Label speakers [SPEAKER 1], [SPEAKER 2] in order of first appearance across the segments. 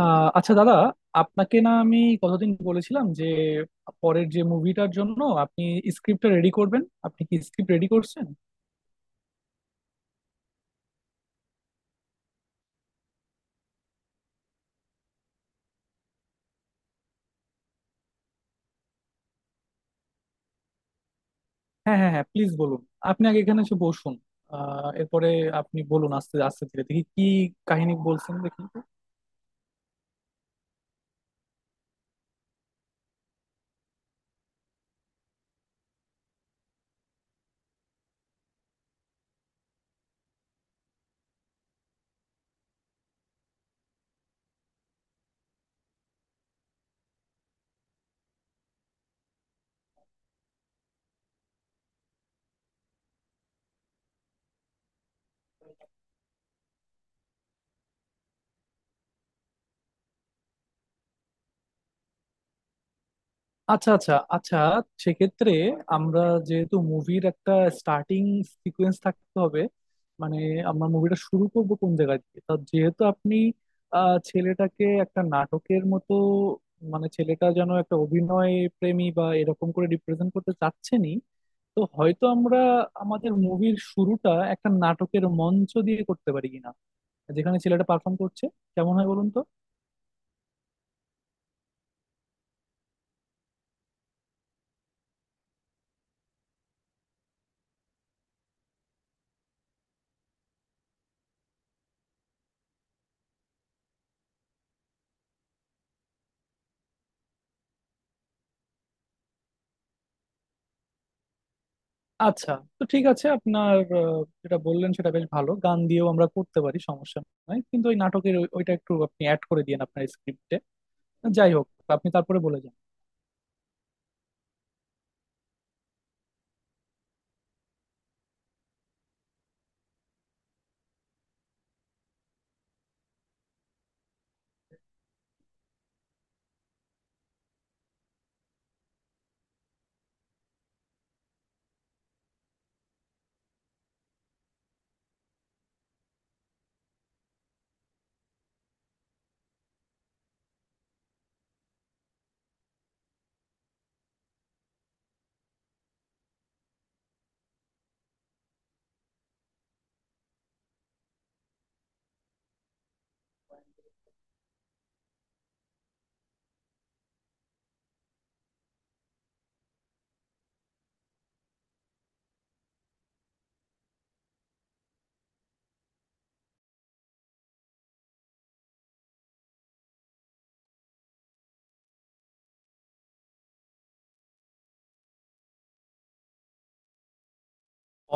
[SPEAKER 1] আচ্ছা দাদা, আপনাকে না আমি কতদিন বলেছিলাম যে পরের যে মুভিটার জন্য আপনি স্ক্রিপ্টটা রেডি করবেন? আপনি কি স্ক্রিপ্ট রেডি করছেন? হ্যাঁ, হ্যাঁ, হ্যাঁ, প্লিজ বলুন। আপনি আগে এখানে এসে বসুন। এরপরে আপনি বলুন আস্তে আস্তে ধীরে, দেখি কি কাহিনী বলছেন, দেখি। আচ্ছা, আচ্ছা, আচ্ছা। সেক্ষেত্রে আমরা, যেহেতু মুভির একটা স্টার্টিং সিকোয়েন্স থাকতে হবে, মানে আমরা মুভিটা শুরু করব কোন জায়গা দিয়ে, তা যেহেতু আপনি ছেলেটাকে একটা নাটকের মতো, মানে ছেলেটা যেন একটা অভিনয় প্রেমী বা এরকম করে রিপ্রেজেন্ট করতে চাচ্ছেনই, তো হয়তো আমরা আমাদের মুভির শুরুটা একটা নাটকের মঞ্চ দিয়ে করতে পারি কিনা, যেখানে ছেলেটা পারফর্ম করছে। কেমন হয় বলুন তো? আচ্ছা, তো ঠিক আছে, আপনার যেটা বললেন সেটা বেশ ভালো, গান দিয়েও আমরা করতে পারি, সমস্যা নাই। কিন্তু ওই নাটকের ওইটা একটু আপনি অ্যাড করে দিয়েন আপনার স্ক্রিপ্টে। যাই হোক, আপনি তারপরে বলে যান।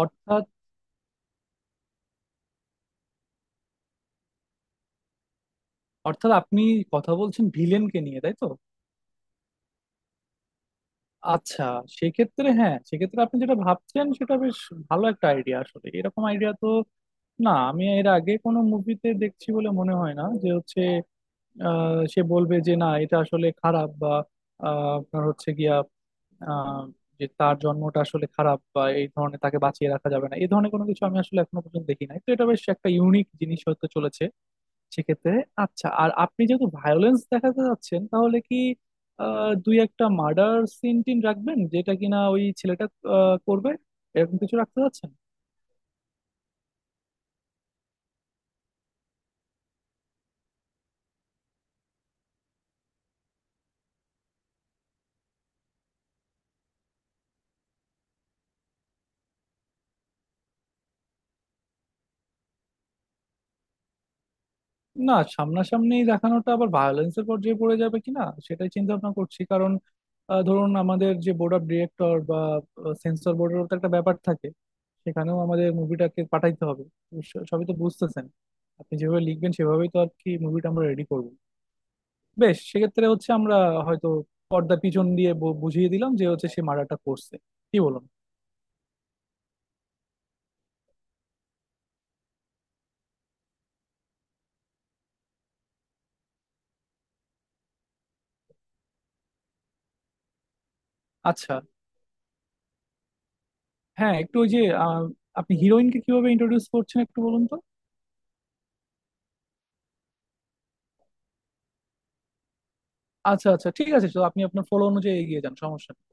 [SPEAKER 1] অর্থাৎ অর্থাৎ আপনি কথা বলছেন ভিলেনকে নিয়ে, তাই তো? আচ্ছা, সেক্ষেত্রে, হ্যাঁ, সেক্ষেত্রে আপনি যেটা ভাবছেন সেটা বেশ ভালো একটা আইডিয়া। আসলে এরকম আইডিয়া তো না, আমি এর আগে কোনো মুভিতে দেখছি বলে মনে হয় না যে হচ্ছে সে বলবে যে না, এটা আসলে খারাপ বা আপনার হচ্ছে গিয়া আহ, যে তার জন্মটা আসলে খারাপ বা এই ধরনের, তাকে বাঁচিয়ে রাখা যাবে না, এই ধরনের কোনো কিছু আমি আসলে এখনো পর্যন্ত দেখি নাই। তো এটা বেশ একটা ইউনিক জিনিস হতে চলেছে সেক্ষেত্রে। আচ্ছা, আর আপনি যেহেতু ভায়োলেন্স দেখাতে যাচ্ছেন, তাহলে কি দুই একটা মার্ডার সিন টিন রাখবেন, যেটা কিনা ওই ছেলেটা করবে? এরকম কিছু রাখতে যাচ্ছেন? না, সামনাসামনি দেখানোটা আবার ভায়োলেন্সের পর্যায়ে পড়ে যাবে কিনা সেটাই চিন্তা ভাবনা করছি। কারণ ধরুন, আমাদের যে বোর্ড অফ ডিরেক্টর বা সেন্সর বোর্ডের তো একটা ব্যাপার থাকে, সেখানেও আমাদের মুভিটাকে পাঠাইতে হবে। তো সবই তো বুঝতেছেন, আপনি যেভাবে লিখবেন সেভাবেই তো আর কি মুভিটা আমরা রেডি করব। বেশ, সেক্ষেত্রে হচ্ছে আমরা হয়তো পর্দার পিছন দিয়ে বুঝিয়ে দিলাম যে হচ্ছে সে মার্ডারটা করছে। কি বলুন? আচ্ছা। হ্যাঁ, একটু ওই যে আপনি হিরোইনকে কিভাবে ইন্ট্রোডিউস করছেন একটু বলুন তো। আচ্ছা, আচ্ছা, ঠিক আছে, তো আপনি আপনার ফলো অনুযায়ী এগিয়ে যান, সমস্যা নেই।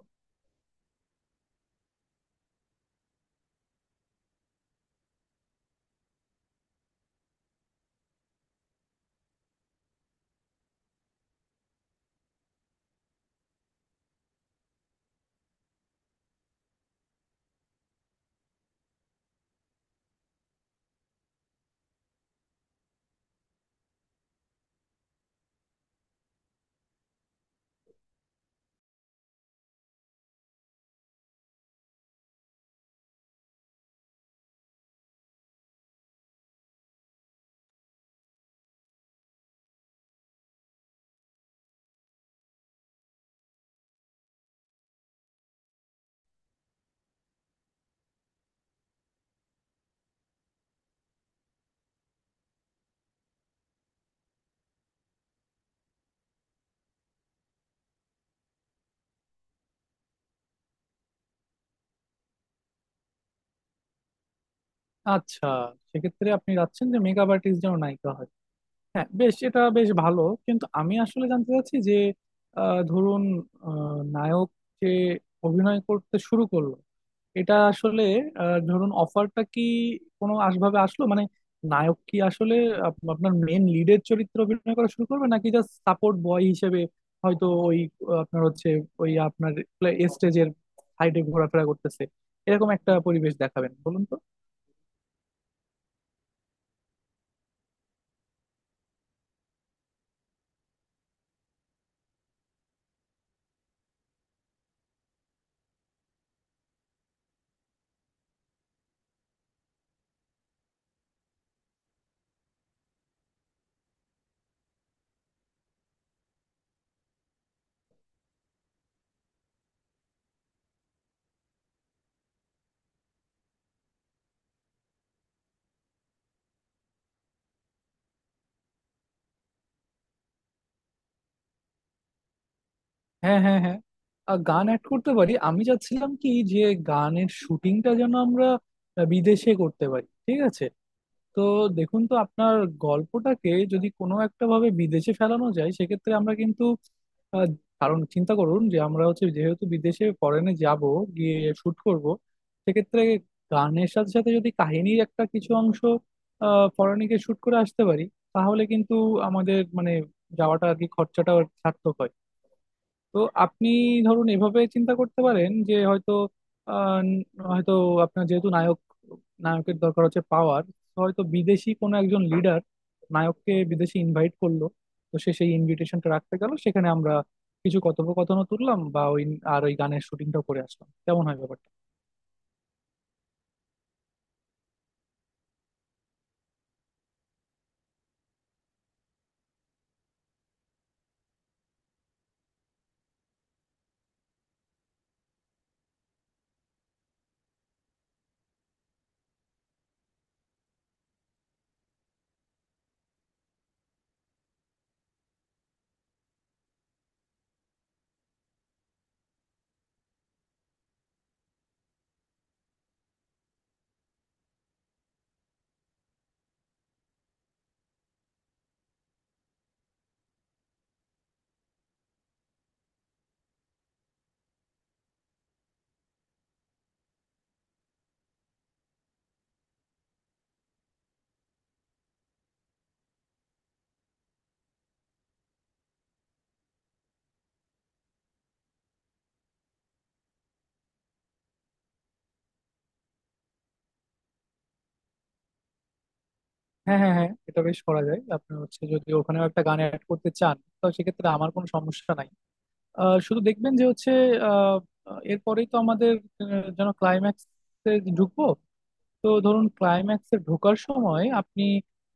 [SPEAKER 1] আচ্ছা, সেক্ষেত্রে আপনি চাচ্ছেন যে মেকআপ আর্টিস্ট যেন নায়িকা হয়। হ্যাঁ, বেশ, এটা বেশ ভালো। কিন্তু আমি আসলে জানতে চাচ্ছি যে ধরুন, নায়ক যে অভিনয় করতে শুরু করলো, এটা আসলে ধরুন, অফারটা কি কোনো আসভাবে আসলো? মানে, নায়ক কি আসলে আপনার মেন লিডের চরিত্রে অভিনয় করা শুরু করবে, নাকি জাস্ট সাপোর্ট বয় হিসেবে হয়তো ওই আপনার হচ্ছে ওই আপনার স্টেজের সাইডে ঘোরাফেরা করতেছে, এরকম একটা পরিবেশ দেখাবেন বলুন তো? হ্যাঁ, হ্যাঁ, হ্যাঁ, আর গান অ্যাড করতে পারি। আমি চাচ্ছিলাম কি যে গানের শুটিংটা যেন আমরা বিদেশে করতে পারি, ঠিক আছে? তো দেখুন তো আপনার গল্পটাকে যদি কোনো একটা ভাবে বিদেশে ফেলানো যায়, সেক্ষেত্রে আমরা কিন্তু আহ, কারণ চিন্তা করুন যে আমরা হচ্ছে যেহেতু বিদেশে ফরেনে যাব, গিয়ে শুট করব, সেক্ষেত্রে গানের সাথে সাথে যদি কাহিনীর একটা কিছু অংশ ফরেনে গিয়ে শুট করে আসতে পারি, তাহলে কিন্তু আমাদের মানে যাওয়াটা আর কি খরচাটা সার্থক হয়। তো আপনি ধরুন এভাবে চিন্তা করতে পারেন যে হয়তো আহ, ন- হয়তো আপনার যেহেতু নায়ক, নায়কের দরকার হচ্ছে পাওয়ার, হয়তো বিদেশি কোনো একজন লিডার নায়ককে বিদেশে ইনভাইট করলো, তো সে সেই ইনভিটেশনটা রাখতে গেল, সেখানে আমরা কিছু কথোপকথনও তুললাম বা ওই আর ওই গানের শুটিংটাও করে আসলাম। কেমন হয় ব্যাপারটা? হ্যাঁ, হ্যাঁ, হ্যাঁ, এটা বেশ করা যায়। আপনি হচ্ছে যদি ওখানেও একটা গান অ্যাড করতে চান, তো সেক্ষেত্রে আমার কোনো সমস্যা নাই। শুধু দেখবেন যে হচ্ছে আহ, এরপরেই তো আমাদের যেন ক্লাইম্যাক্সে ঢুকবো। তো ধরুন, ক্লাইম্যাক্সে ঢোকার সময় আপনি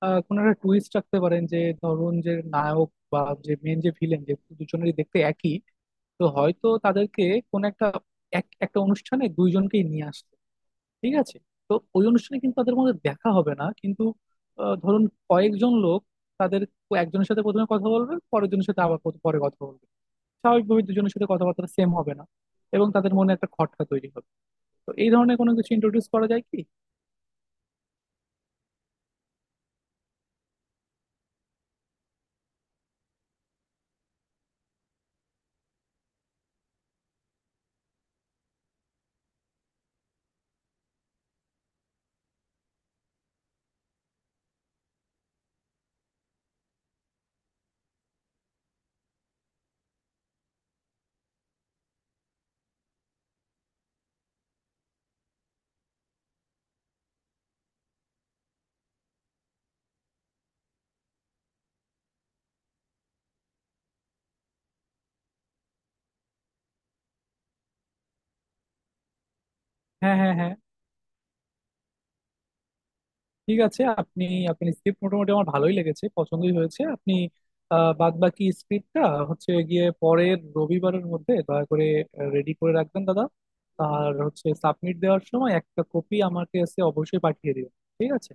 [SPEAKER 1] কোনো একটা টুইস্ট রাখতে পারেন যে ধরুন যে নায়ক বা যে মেন যে ভিলেন, যে দুজনেরই দেখতে একই, তো হয়তো তাদেরকে কোন একটা এক একটা অনুষ্ঠানে দুইজনকেই নিয়ে আসতো, ঠিক আছে? তো ওই অনুষ্ঠানে কিন্তু তাদের মধ্যে দেখা হবে না, কিন্তু ধরুন কয়েকজন লোক তাদের একজনের সাথে প্রথমে কথা বলবে, পরের জনের সাথে আবার পরে কথা বলবে। স্বাভাবিকভাবে দুজনের সাথে কথাবার্তা সেম হবে না, এবং তাদের মনে একটা খটকা তৈরি হবে। তো এই ধরনের কোনো কিছু ইন্ট্রোডিউস করা যায় কি? হ্যাঁ, হ্যাঁ, হ্যাঁ, ঠিক আছে। আপনি আপনি স্ক্রিপ্ট মোটামুটি আমার ভালোই লেগেছে, পছন্দই হয়েছে। আপনি বাদ বাকি স্ক্রিপ্টটা হচ্ছে গিয়ে পরের রবিবারের মধ্যে দয়া করে রেডি করে রাখবেন দাদা। আর হচ্ছে সাবমিট দেওয়ার সময় একটা কপি আমাকে এসে অবশ্যই পাঠিয়ে দিবেন, ঠিক আছে?